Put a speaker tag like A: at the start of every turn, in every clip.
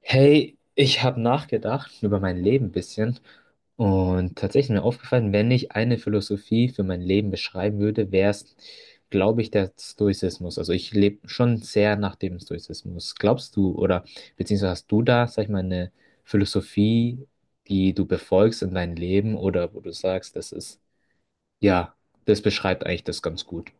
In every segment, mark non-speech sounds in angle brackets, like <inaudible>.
A: Hey, ich habe nachgedacht über mein Leben ein bisschen und tatsächlich mir aufgefallen, wenn ich eine Philosophie für mein Leben beschreiben würde, wäre es, glaube ich, der Stoizismus. Also ich lebe schon sehr nach dem Stoizismus. Glaubst du oder beziehungsweise hast du da, sag ich mal, eine Philosophie, die du befolgst in deinem Leben oder wo du sagst, das ist, ja, das beschreibt eigentlich das ganz gut.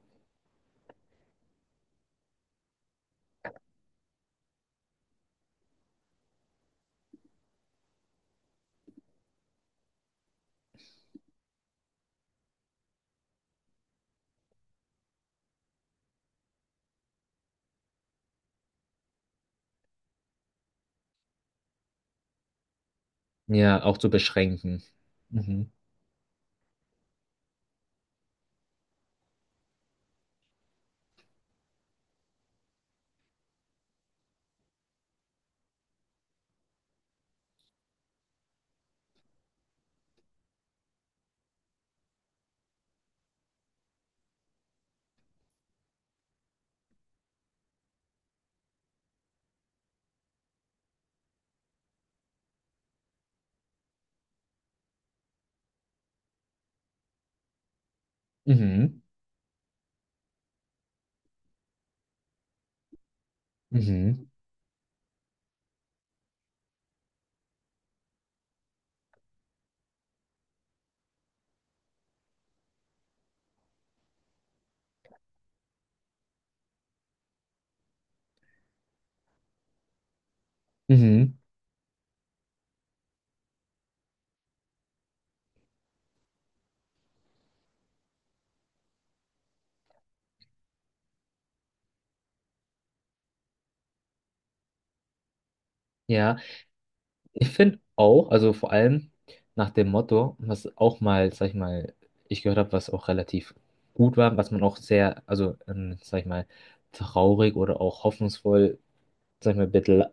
A: Ja, auch zu beschränken. Mhm. Mhm. Mhm. Mhm. Ja. Ich finde auch, also vor allem nach dem Motto, was auch mal, sag ich mal, ich gehört habe, was auch relativ gut war, was man auch sehr, also, sag ich mal, traurig oder auch hoffnungsvoll, sag ich mal,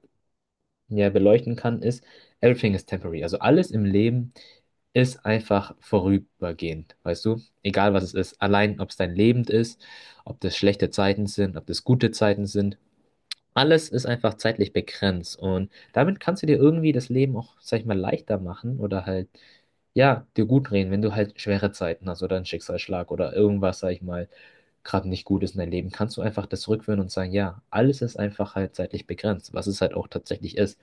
A: ja, beleuchten kann, ist, everything is temporary. Also alles im Leben ist einfach vorübergehend, weißt du? Egal was es ist, allein ob es dein Leben ist, ob das schlechte Zeiten sind, ob das gute Zeiten sind. Alles ist einfach zeitlich begrenzt und damit kannst du dir irgendwie das Leben auch, sag ich mal, leichter machen oder halt, ja, dir gut reden, wenn du halt schwere Zeiten hast oder einen Schicksalsschlag oder irgendwas, sag ich mal, gerade nicht gut ist in deinem Leben, kannst du einfach das zurückführen und sagen, ja, alles ist einfach halt zeitlich begrenzt, was es halt auch tatsächlich ist.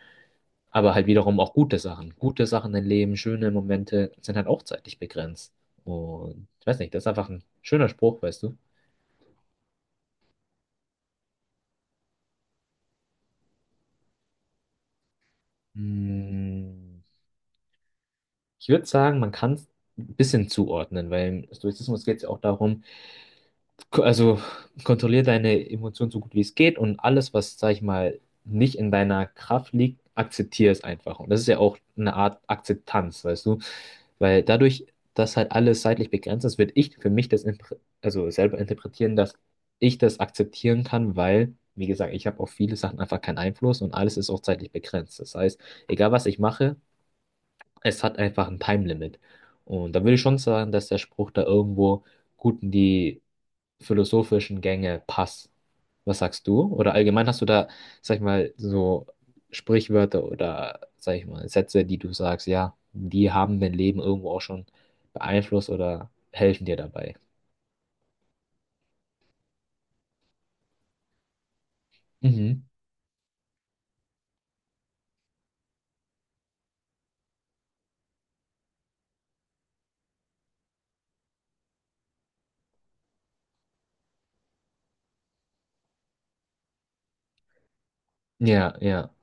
A: Aber halt wiederum auch gute Sachen. Gute Sachen im Leben, schöne Momente sind halt auch zeitlich begrenzt. Und ich weiß nicht, das ist einfach ein schöner Spruch, weißt du? Mm. Ich würde sagen, man kann es ein bisschen zuordnen, weil im Stoizismus geht es ja auch darum, also kontrollier deine Emotionen so gut wie es geht und alles, was, sag ich mal, nicht in deiner Kraft liegt, akzeptier es einfach. Und das ist ja auch eine Art Akzeptanz, weißt du? Weil dadurch, dass halt alles zeitlich begrenzt ist, würde ich für mich das also selber interpretieren, dass ich das akzeptieren kann, weil, wie gesagt, ich habe auf viele Sachen einfach keinen Einfluss und alles ist auch zeitlich begrenzt. Das heißt, egal was ich mache, es hat einfach ein Time-Limit. Und da würde ich schon sagen, dass der Spruch da irgendwo gut in die philosophischen Gänge passt. Was sagst du? Oder allgemein hast du da, sag ich mal, so Sprichwörter oder, sag ich mal, Sätze, die du sagst, ja, die haben dein Leben irgendwo auch schon beeinflusst oder helfen dir dabei. Mhm. Ja, ja.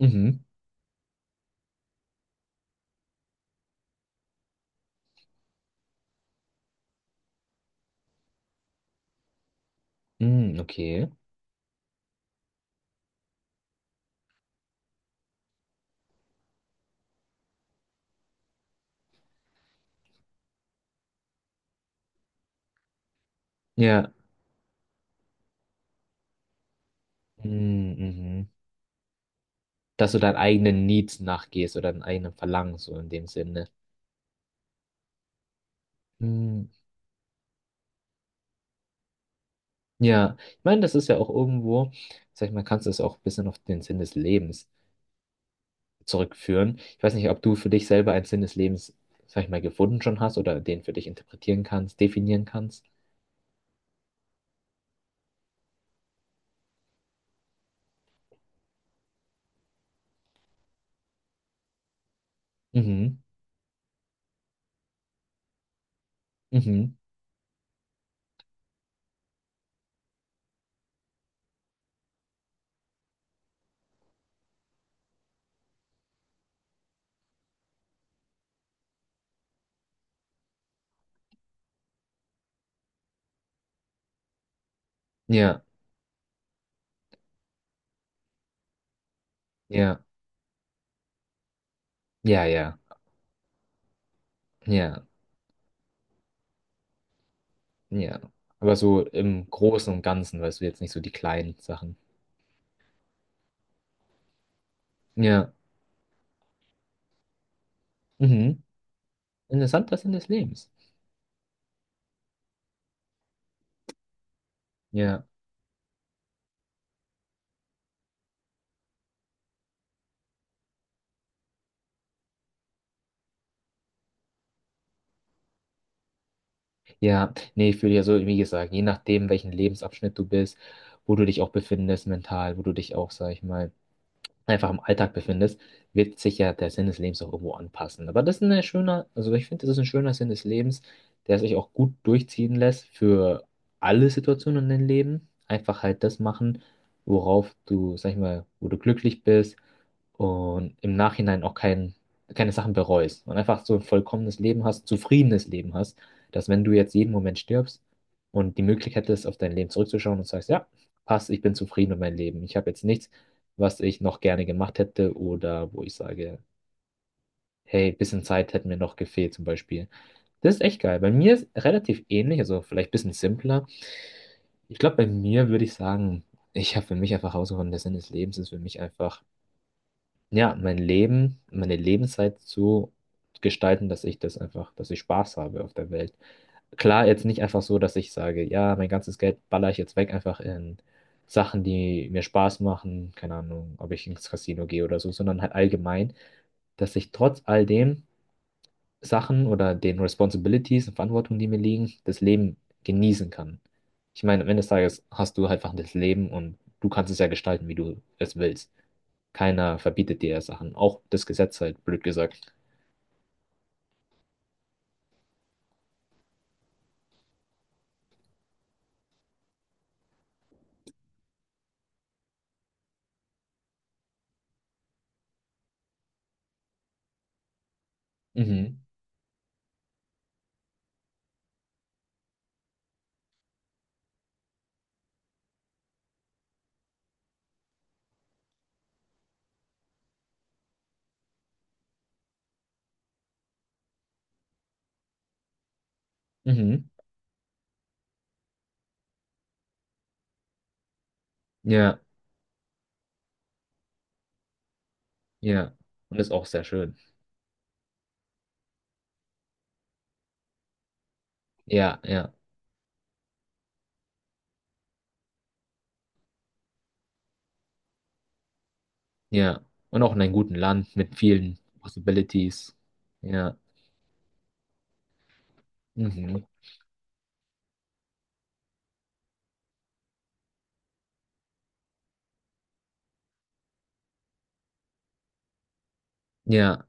A: Mhm. Mhm, okay. Ja. Mhm, mhm. Dass du deinen eigenen Needs nachgehst oder deinen eigenen Verlangen, so in dem Sinne. Mhm. Ja, ich meine, das ist ja auch irgendwo, sag ich mal, kannst du es auch ein bisschen auf den Sinn des Lebens zurückführen. Ich weiß nicht, ob du für dich selber einen Sinn des Lebens, sag ich mal, gefunden schon hast oder den für dich interpretieren kannst, definieren kannst. Mhm, mhm, ja, ja, ja, ja, ja, ja. Aber so im Großen und Ganzen, weißt du, jetzt nicht so die kleinen Sachen. Ja, mhm. Interessanter Sinn des Lebens. Ja. Ja, nee, ich würde ja so, wie gesagt, je nachdem, welchen Lebensabschnitt du bist, wo du dich auch befindest mental, wo du dich auch, sag ich mal, einfach im Alltag befindest, wird sich ja der Sinn des Lebens auch irgendwo anpassen. Aber das ist ein schöner, also ich finde, das ist ein schöner Sinn des Lebens, der sich auch gut durchziehen lässt für alle Situationen in deinem Leben. Einfach halt das machen, worauf du, sag ich mal, wo du glücklich bist und im Nachhinein auch keine Sachen bereust und einfach so ein vollkommenes Leben hast, zufriedenes Leben hast, dass wenn du jetzt jeden Moment stirbst und die Möglichkeit ist, auf dein Leben zurückzuschauen und sagst, ja, passt, ich bin zufrieden mit meinem Leben, ich habe jetzt nichts was ich noch gerne gemacht hätte oder wo ich sage, hey, bisschen Zeit hätte mir noch gefehlt zum Beispiel. Das ist echt geil. Bei mir ist relativ ähnlich, also vielleicht ein bisschen simpler. Ich glaube, bei mir würde ich sagen, ich habe für mich einfach herausgefunden, der Sinn des Lebens ist für mich einfach ja, mein Leben, meine Lebenszeit zu gestalten, dass ich das einfach, dass ich Spaß habe auf der Welt. Klar, jetzt nicht einfach so, dass ich sage, ja, mein ganzes Geld baller ich jetzt weg, einfach in Sachen, die mir Spaß machen, keine Ahnung, ob ich ins Casino gehe oder so, sondern halt allgemein, dass ich trotz all dem Sachen oder den Responsibilities und Verantwortungen, die mir liegen, das Leben genießen kann. Ich meine, am Ende des Tages hast du halt einfach das Leben und du kannst es ja gestalten, wie du es willst. Keiner verbietet dir ja Sachen. Auch das Gesetz halt, blöd gesagt. Mhm. Mhm. Ja, ja. Und ist auch sehr schön. Ja, ja, ja. Und auch in einem guten Land mit vielen Possibilities. Ja. Mhm. Ja.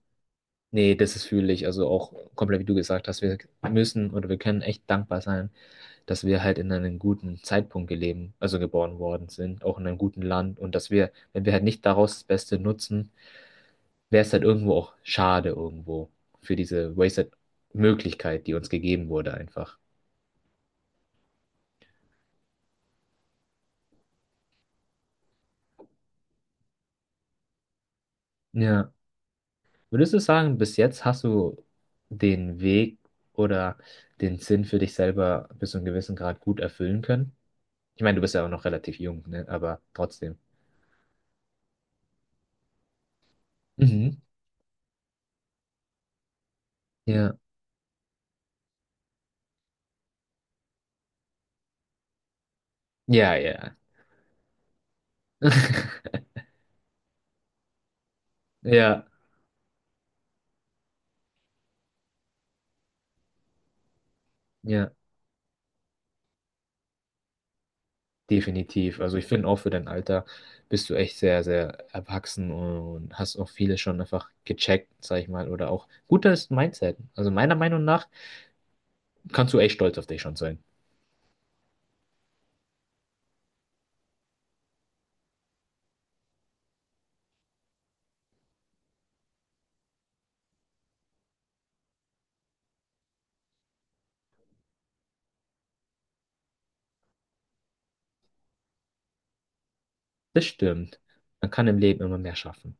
A: Nee, das ist fühle ich. Also auch komplett, wie du gesagt hast, wir müssen oder wir können echt dankbar sein, dass wir halt in einem guten Zeitpunkt gelebt, also geboren worden sind, auch in einem guten Land und dass wir, wenn wir halt nicht daraus das Beste nutzen, wäre es halt irgendwo auch schade irgendwo für diese Wasted Möglichkeit, die uns gegeben wurde einfach. Ja. Würdest du sagen, bis jetzt hast du den Weg oder den Sinn für dich selber bis zu einem gewissen Grad gut erfüllen können? Ich meine, du bist ja auch noch relativ jung, ne? Aber trotzdem. Mhm. Ja. Ja, ja. <laughs> Ja, ja. Definitiv. Also ich finde auch für dein Alter bist du echt sehr, sehr erwachsen und hast auch vieles schon einfach gecheckt, sag ich mal, oder auch gutes Mindset. Also meiner Meinung nach kannst du echt stolz auf dich schon sein. Das stimmt. Man kann im Leben immer mehr schaffen.